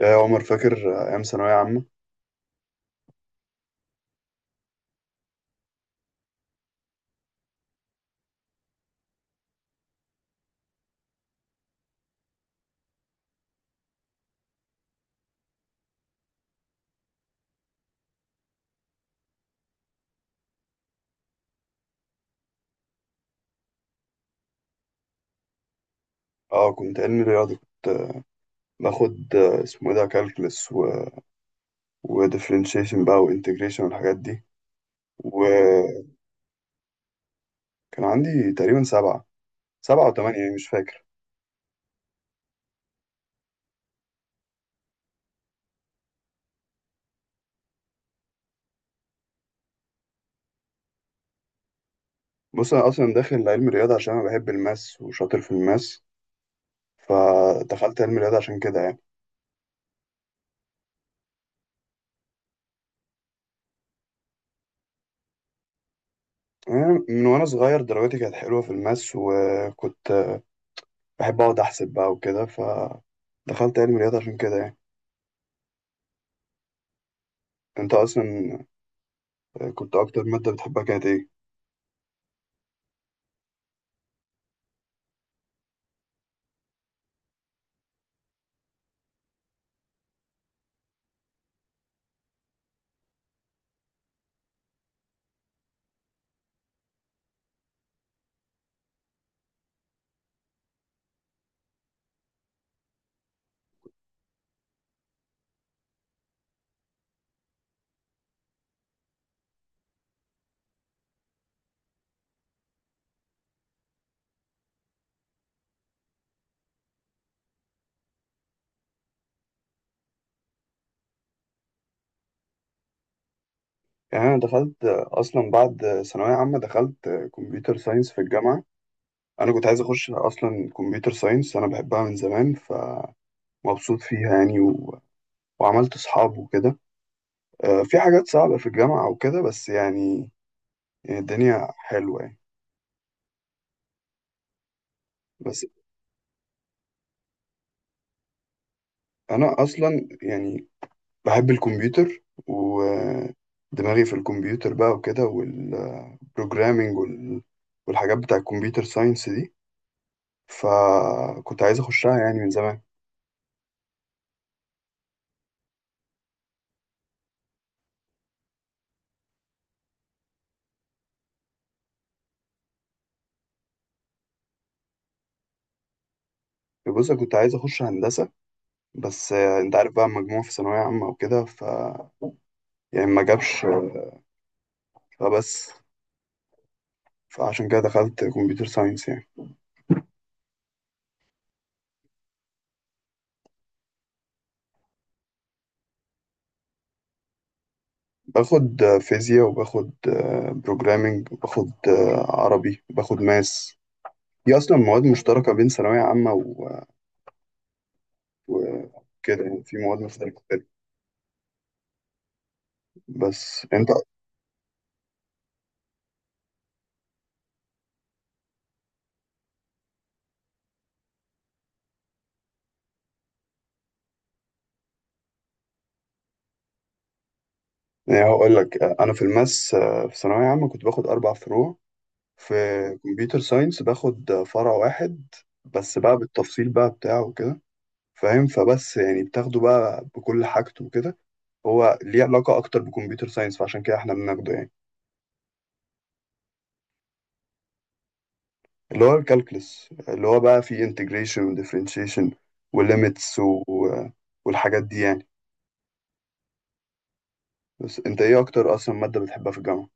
يا عمر، فاكر أيام ثانوية عامة؟ اه، كنت علمي رياضة. كنت باخد اسمه ايه ده، كالكلس وديفرنشيشن بقى وانتجريشن والحاجات دي. وكان عندي تقريبا سبعة، سبعة وتمانية، يعني مش فاكر. بص، أنا أصلا داخل علم رياضة عشان أنا بحب الماس وشاطر في الماس، فدخلت علم رياضة عشان كده يعني. أنا من وأنا صغير درجاتي كانت حلوة في الماس، وكنت بحب أقعد أحسب بقى وكده، فدخلت علم رياضة عشان كده يعني. أنت أصلا كنت أكتر مادة بتحبها كانت إيه؟ يعني أنا دخلت أصلا بعد ثانوية عامة، دخلت كمبيوتر ساينس في الجامعة. أنا كنت عايز أخش أصلا كمبيوتر ساينس، أنا بحبها من زمان. فمبسوط فيها يعني وعملت أصحاب وكده. في حاجات صعبة في الجامعة وكده، بس يعني الدنيا حلوة يعني. بس أنا أصلا يعني بحب الكمبيوتر ودماغي في الكمبيوتر بقى وكده، والبروجرامينج programming والحاجات بتاع الكمبيوتر ساينس دي. فكنت عايز أخشها يعني من زمان. بص، أنا كنت عايز اخش هندسه، بس انت عارف بقى المجموع في ثانويه عامه وكده، ف يعني ما جابش فبس، فعشان كده دخلت كمبيوتر ساينس يعني. باخد فيزياء، وباخد بروجرامنج، وباخد عربي، وباخد ماس. دي اصلا مواد مشتركه بين ثانويه عامه وكده. يعني في مواد مشتركه كتير. بس انت يعني هقول لك، انا في الماس في ثانويه عامه كنت باخد اربع فروع. في كمبيوتر ساينس باخد فرع واحد بس، بقى بالتفصيل بقى بتاعه وكده فاهم. فبس يعني بتاخده بقى بكل حاجته وكده. هو ليه علاقة أكتر بكمبيوتر ساينس، فعشان كده إحنا بناخده يعني. اللي هو الكالكلس، اللي هو بقى فيه انتجريشن وديفرنشيشن وليميتس والحاجات دي يعني. بس أنت إيه أكتر أصلا مادة بتحبها في الجامعة؟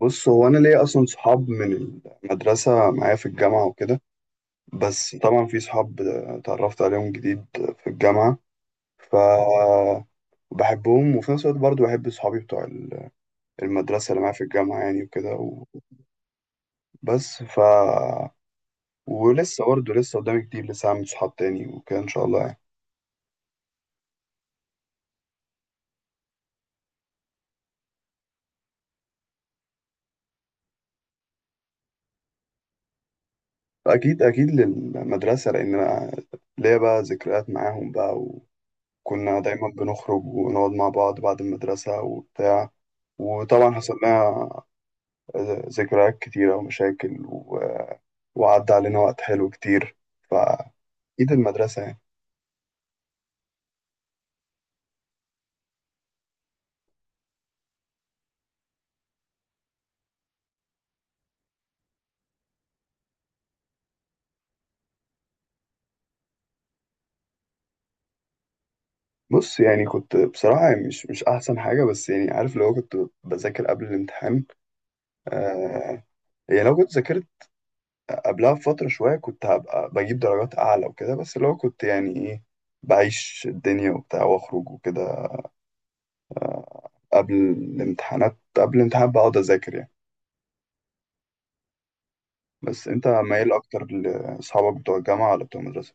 بص، هو أنا ليا أصلا صحاب من المدرسة معايا في الجامعة وكده. بس طبعا في صحاب اتعرفت عليهم جديد في الجامعة، ف بحبهم. وفي نفس الوقت برضه بحب صحابي بتوع المدرسة اللي معايا في الجامعة يعني وكده. بس ف ولسه برضه لسه قدامي كتير، لسه هعمل صحاب تاني وكده ان شاء الله يعني. اكيد اكيد للمدرسه، لان انا ليا بقى ذكريات معاهم بقى، وكنا دايما بنخرج ونقعد مع بعض بعد المدرسه وبتاع. وطبعا حصل لنا ذكريات كتيره ومشاكل وعدى علينا وقت حلو كتير. فاكيد المدرسه يعني. بص، يعني كنت بصراحه يعني مش احسن حاجه، بس يعني عارف، لو كنت بذاكر قبل الامتحان آه يعني لو كنت ذاكرت قبلها بفترة شوية كنت هبقى بجيب درجات أعلى وكده. بس اللي هو كنت يعني إيه، بعيش الدنيا وبتاع وأخرج وكده. قبل الامتحان بقعد أذاكر يعني. بس أنت مايل أكتر لأصحابك بتوع الجامعة ولا بتوع المدرسة؟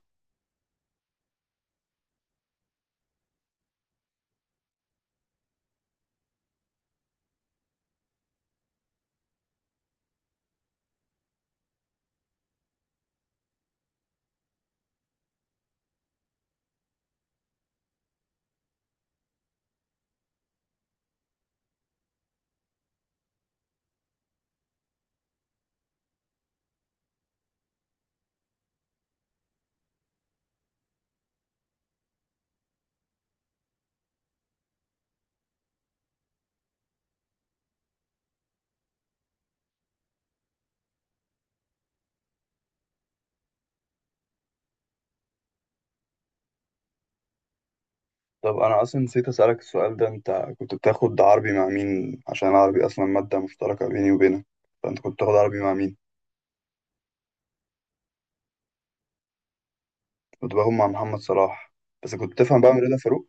طب أنا أصلا نسيت أسألك السؤال ده. أنت كنت بتاخد عربي مع مين؟ عشان العربي أصلا مادة مشتركة بيني وبينك، فأنت كنت بتاخد عربي مع مين؟ كنت باخد مع محمد صلاح. بس كنت بتفهم بقى من رضا فاروق؟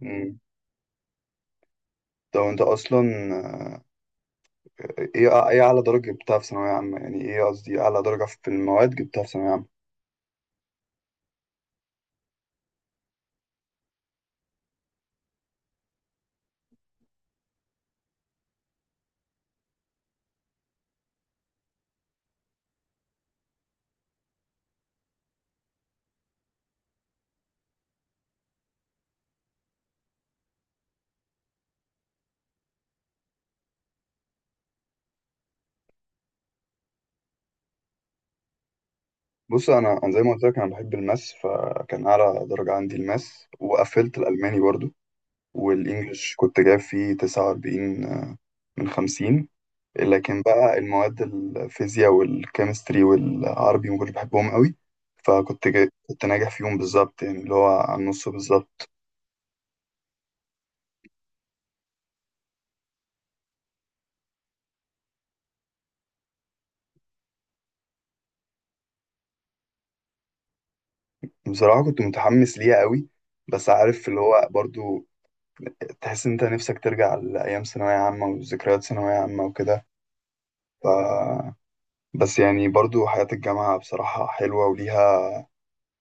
مم. طب أنت أصلا ايه اعلى درجه جبتها في ثانويه عامه؟ يعني ايه، قصدي ايه اعلى درجه في المواد جبتها في ثانويه عامه؟ بص، أنا زي ما قلت لك انا بحب الماس، فكان اعلى درجه عندي الماس، وقفلت الالماني برضو. والانجليش كنت جايب فيه 49 من 50. لكن بقى المواد الفيزياء والكيمستري والعربي ما كنتش بحبهم قوي. فكنت جاي كنت ناجح فيهم بالظبط يعني، اللي هو على النص بالظبط. بصراحه كنت متحمس ليها قوي، بس عارف، اللي هو برضو تحس إن أنت نفسك ترجع لأيام ثانوية عامة وذكريات ثانوية عامة وكده. ف... بس يعني برضو حياة الجامعة بصراحة حلوة وليها،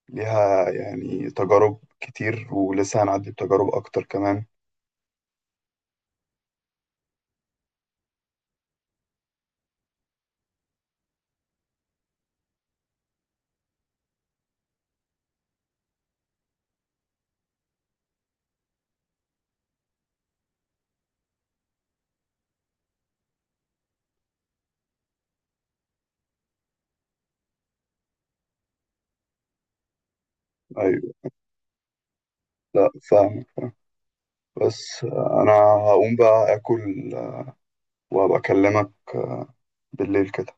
يعني تجارب كتير، ولسه هنعدي بتجارب أكتر كمان. أيوة. لا فاهم، بس أنا هقوم بقى آكل، وأبقى أكلمك بالليل كده.